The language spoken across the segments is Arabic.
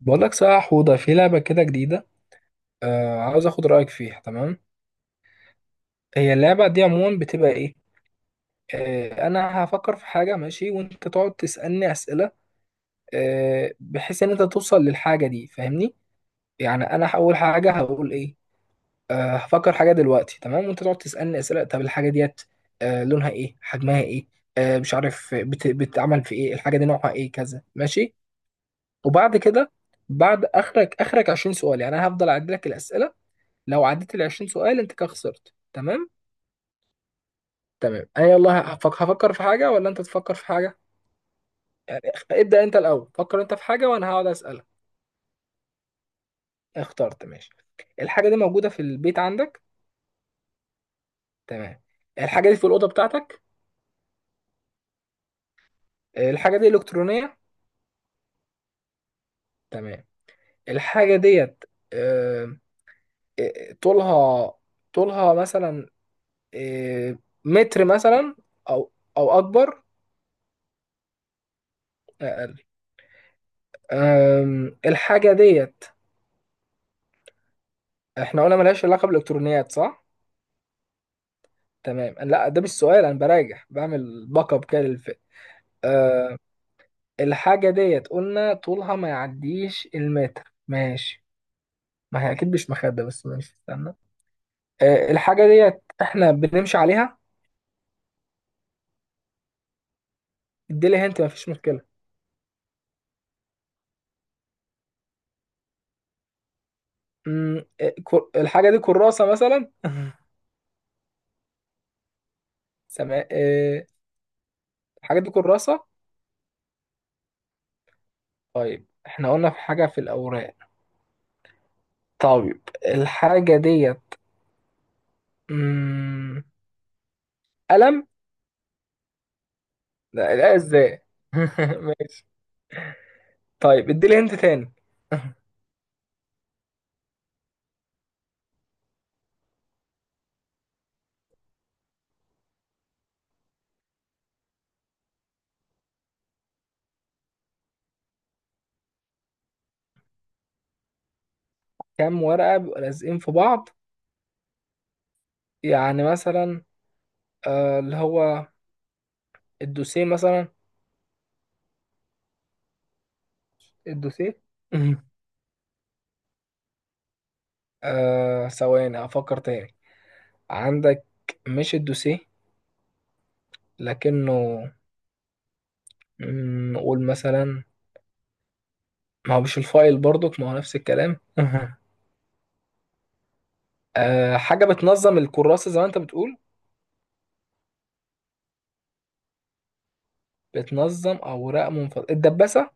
بقول لك صح يا حوضة، في لعبة كده جديدة. عاوز اخد رأيك فيها. تمام. هي اللعبة دي عموما بتبقى ايه؟ انا هفكر في حاجة ماشي، وانت تقعد تسألني أسئلة، بحيث ان انت توصل للحاجة دي. فاهمني؟ يعني انا هقول حاجة. هقول ايه؟ هفكر حاجة دلوقتي، تمام، وانت تقعد تسألني أسئلة، طب الحاجة ديت لونها ايه، حجمها ايه، مش عارف، بتعمل في ايه، الحاجة دي نوعها ايه، كذا. ماشي. وبعد كده بعد اخرك 20 سؤال، يعني انا هفضل اعد لك الأسئلة. لو عديت ال 20 سؤال انت كده خسرت. تمام. تمام. انا يلا هفكر في حاجه ولا انت تفكر في حاجه؟ يعني ابدا، انت الاول فكر انت في حاجه وانا هقعد اسالك. اخترت؟ ماشي. الحاجه دي موجوده في البيت عندك؟ تمام. الحاجه دي في الاوضه بتاعتك؟ الحاجه دي الكترونيه؟ تمام. الحاجه ديت آه، آه، طولها طولها مثلا، آه، متر مثلا، او اكبر؟ اقل؟ الحاجه ديت احنا قلنا ملهاش علاقه بالالكترونيات، صح؟ تمام. لا، ده مش سؤال، انا براجع، بعمل باك اب كده للفيلم. أه الحاجه ديت قلنا طولها ما يعديش المتر، ماشي. ما هي اكيد مش مخده، بس ماشي، استنى. الحاجه ديت احنا بنمشي عليها؟ اديلي هنت، ما فيش مشكله. الحاجه دي كراسه مثلا؟ سماء. الحاجه دي كراسه؟ طيب احنا قلنا في حاجه في الاوراق. طيب الحاجه ديت مم، قلم؟ لا، لا، ازاي؟ ماشي. طيب ادي لي انت تاني. كام ورقة بيبقوا لازقين في بعض؟ يعني مثلا اللي هو الدوسيه مثلا. الدوسيه. ثواني افكر تاني. عندك، مش الدوسيه لكنه نقول مثلا. ما هو مش الفايل برضك، ما هو نفس الكلام. حاجة بتنظم الكراسة زي ما انت بتقول؟ بتنظم اوراق منفصلة، الدباسة.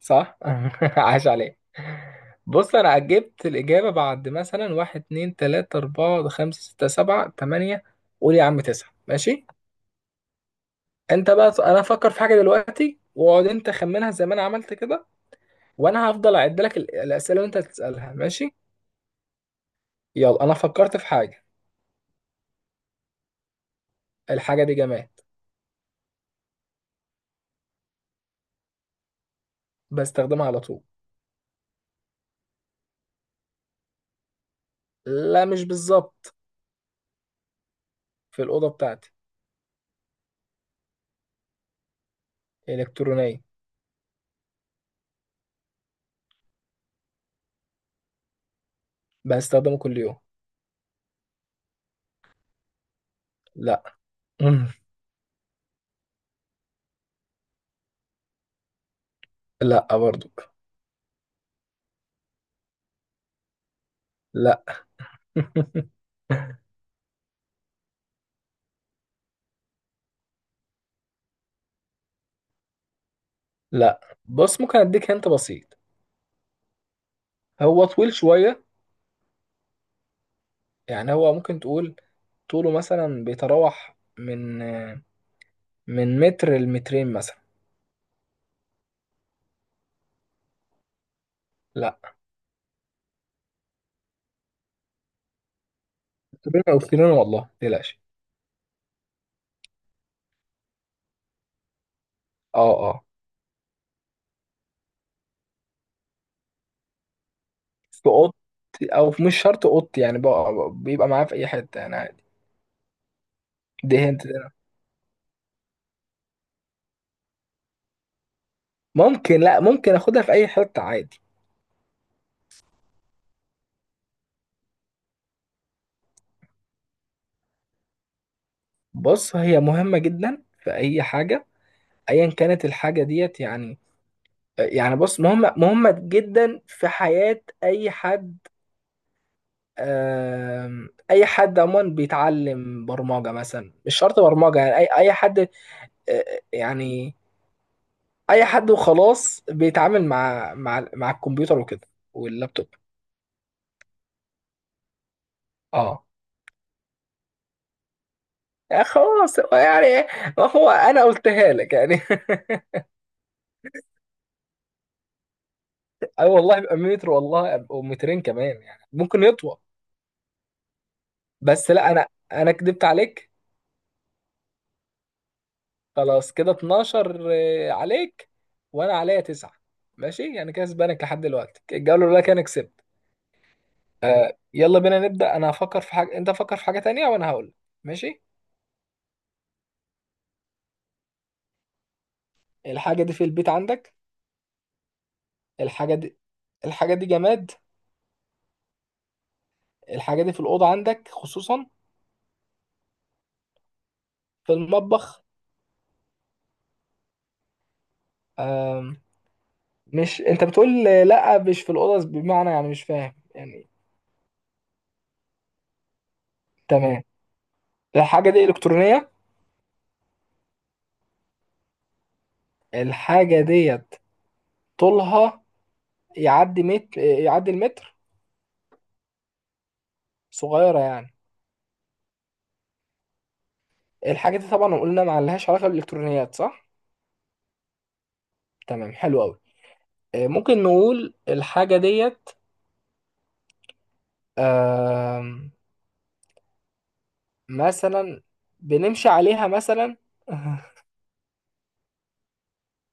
صح. عاش عليك. بص، انا عجبت الاجابه. بعد مثلا واحد، اتنين، تلاته، اربعه، خمسه، سته، سبعه، تمانيه، قول يا عم تسعه، ماشي. انت بقى، انا هفكر في حاجه دلوقتي، واقعد انت خمنها زي ما انا عملت كده. وانا هفضل اعد لك الاسئله اللي انت هتسالها، ماشي. يلا، انا فكرت في حاجه. الحاجه دي جماد. بستخدمها على طول. لا، مش بالظبط. في الاوضه بتاعتي. الكترونيه. بستخدمه كل يوم. لا. مم. لا، برضو. لا. لا، بص، ممكن اديك انت بسيط. هو طويل شويه. يعني هو ممكن تقول طوله مثلا بيتراوح من متر لمترين مثلا. لا، مترين، او مترين والله، متقلقش. اه، اه، في اوضتي، مش شرط اوضتي، يعني بيبقى معاه في اي حته يعني، عادي. دي هنت ده. ممكن، لا ممكن اخدها في اي حته عادي. بص، هي مهمه جدا في اي حاجه، ايا كانت الحاجه ديت، يعني. بص، مهمه مهمه جدا في حياه اي حد، اي حد عموما بيتعلم برمجه مثلا، مش شرط برمجه، يعني اي حد، يعني اي حد وخلاص بيتعامل مع الكمبيوتر وكده، واللابتوب. اه يعني خلاص، هو يعني، ما هو انا قلتها لك يعني. اي والله، يبقى متر والله او مترين كمان، يعني ممكن يطول. بس لا، انا كدبت عليك. خلاص، كده 12 عليك، وانا عليا تسعة، ماشي، يعني كسبانك لحد دلوقتي. الجوله الاولى كان كسبت. يلا بينا نبدأ. انا هفكر في حاجة، انت فكر في حاجة تانية، وانا هقول. ماشي. الحاجة دي في البيت عندك. الحاجة دي. الحاجة دي جماد. الحاجة دي في الأوضة عندك خصوصا؟ في المطبخ؟ آم... مش انت بتقول لا مش في الأوضة، بمعنى يعني مش فاهم يعني. تمام. الحاجة دي إلكترونية؟ الحاجة ديت طولها يعدي متر، يعدي المتر؟ صغيرة يعني. الحاجة دي طبعا قلنا ما لهاش علاقة بالإلكترونيات، صح؟ تمام، حلو أوي. ممكن نقول الحاجة ديت آم، مثلا بنمشي عليها مثلا؟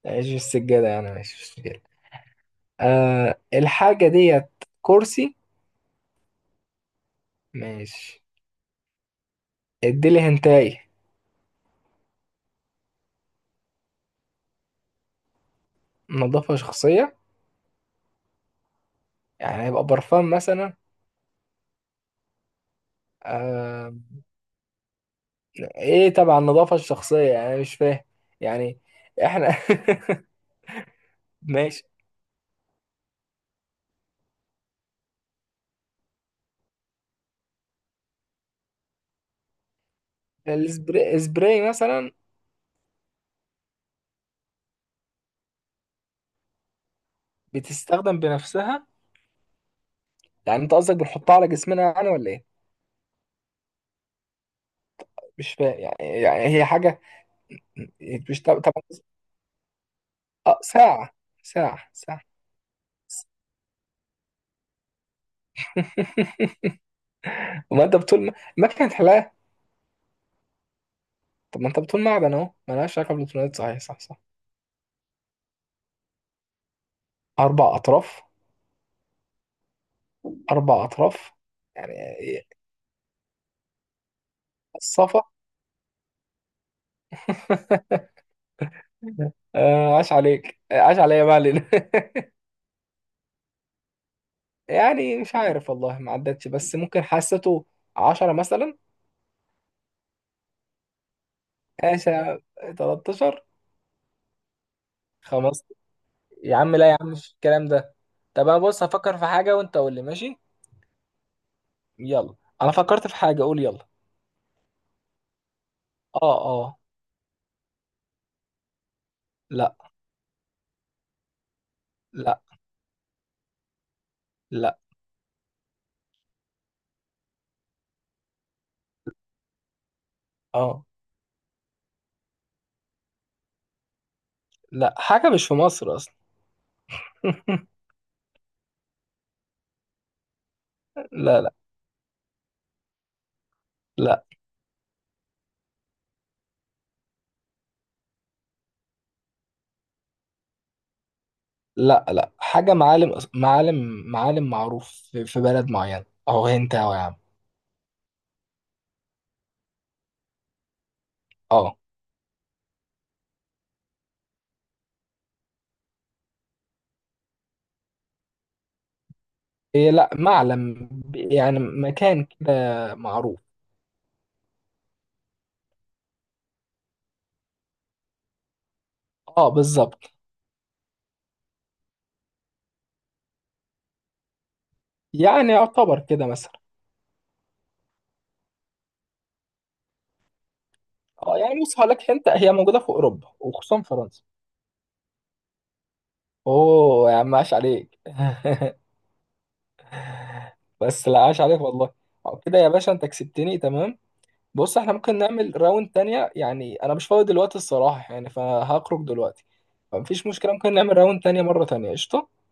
ماشي، السجادة يعني، ماشي، مش مشكلة. الحاجة ديت كرسي؟ ماشي. اديلي هنتاي. نظافة شخصية؟ يعني هيبقى برفان مثلا؟ آه ايه تبع النظافة الشخصية؟ يعني أنا مش فاهم يعني، احنا. ماشي. السبراي، السبراي مثلا؟ بتستخدم بنفسها؟ يعني انت قصدك بنحطها على جسمنا يعني ولا ايه؟ مش فاهم يعني هي حاجة مش تبع. اه، ساعة، ساعة، ساعة. ما انت بتقول ما كانت حلاقة. طب ما انت بتقول معدن، اهو ملهاش علاقة بالبلوتونات، صحيح، صح، صح. أربع أطراف. أربع أطراف. يعني إيه، الصفا. عاش عليك، عاش عليا بقى ليلى. يعني مش عارف والله، ما عدتش، بس ممكن حسيته 10 مثلا. ماشي. 13. خمس. يا عم لا، يا عم مش الكلام ده. طب انا بص هفكر في حاجة وانت قول لي، ماشي؟ يلا، انا فكرت في حاجة. قول يلا. اه. اه. لا. لا. لا. اه، لا، حاجة مش في مصر أصلا. لا، لا، لا، لا، لا، حاجة معالم معروف في بلد معين، أو أنت أو يا عم. اه. إيه، لا، معلم يعني مكان كده معروف. اه، بالظبط. يعني يعتبر كده مثلا. اه، يعني بص، هقول لك انت، هي موجودة في أوروبا وخصوصا فرنسا. اوه يا عم عاش عليك. بس لا، عاش عليك والله. كده يا باشا انت كسبتني، تمام. بص احنا ممكن نعمل راوند تانية، يعني انا مش فاضي دلوقتي الصراحة يعني، فهخرج دلوقتي، فمفيش مشكلة، ممكن نعمل راوند تانية مرة تانية، قشطة.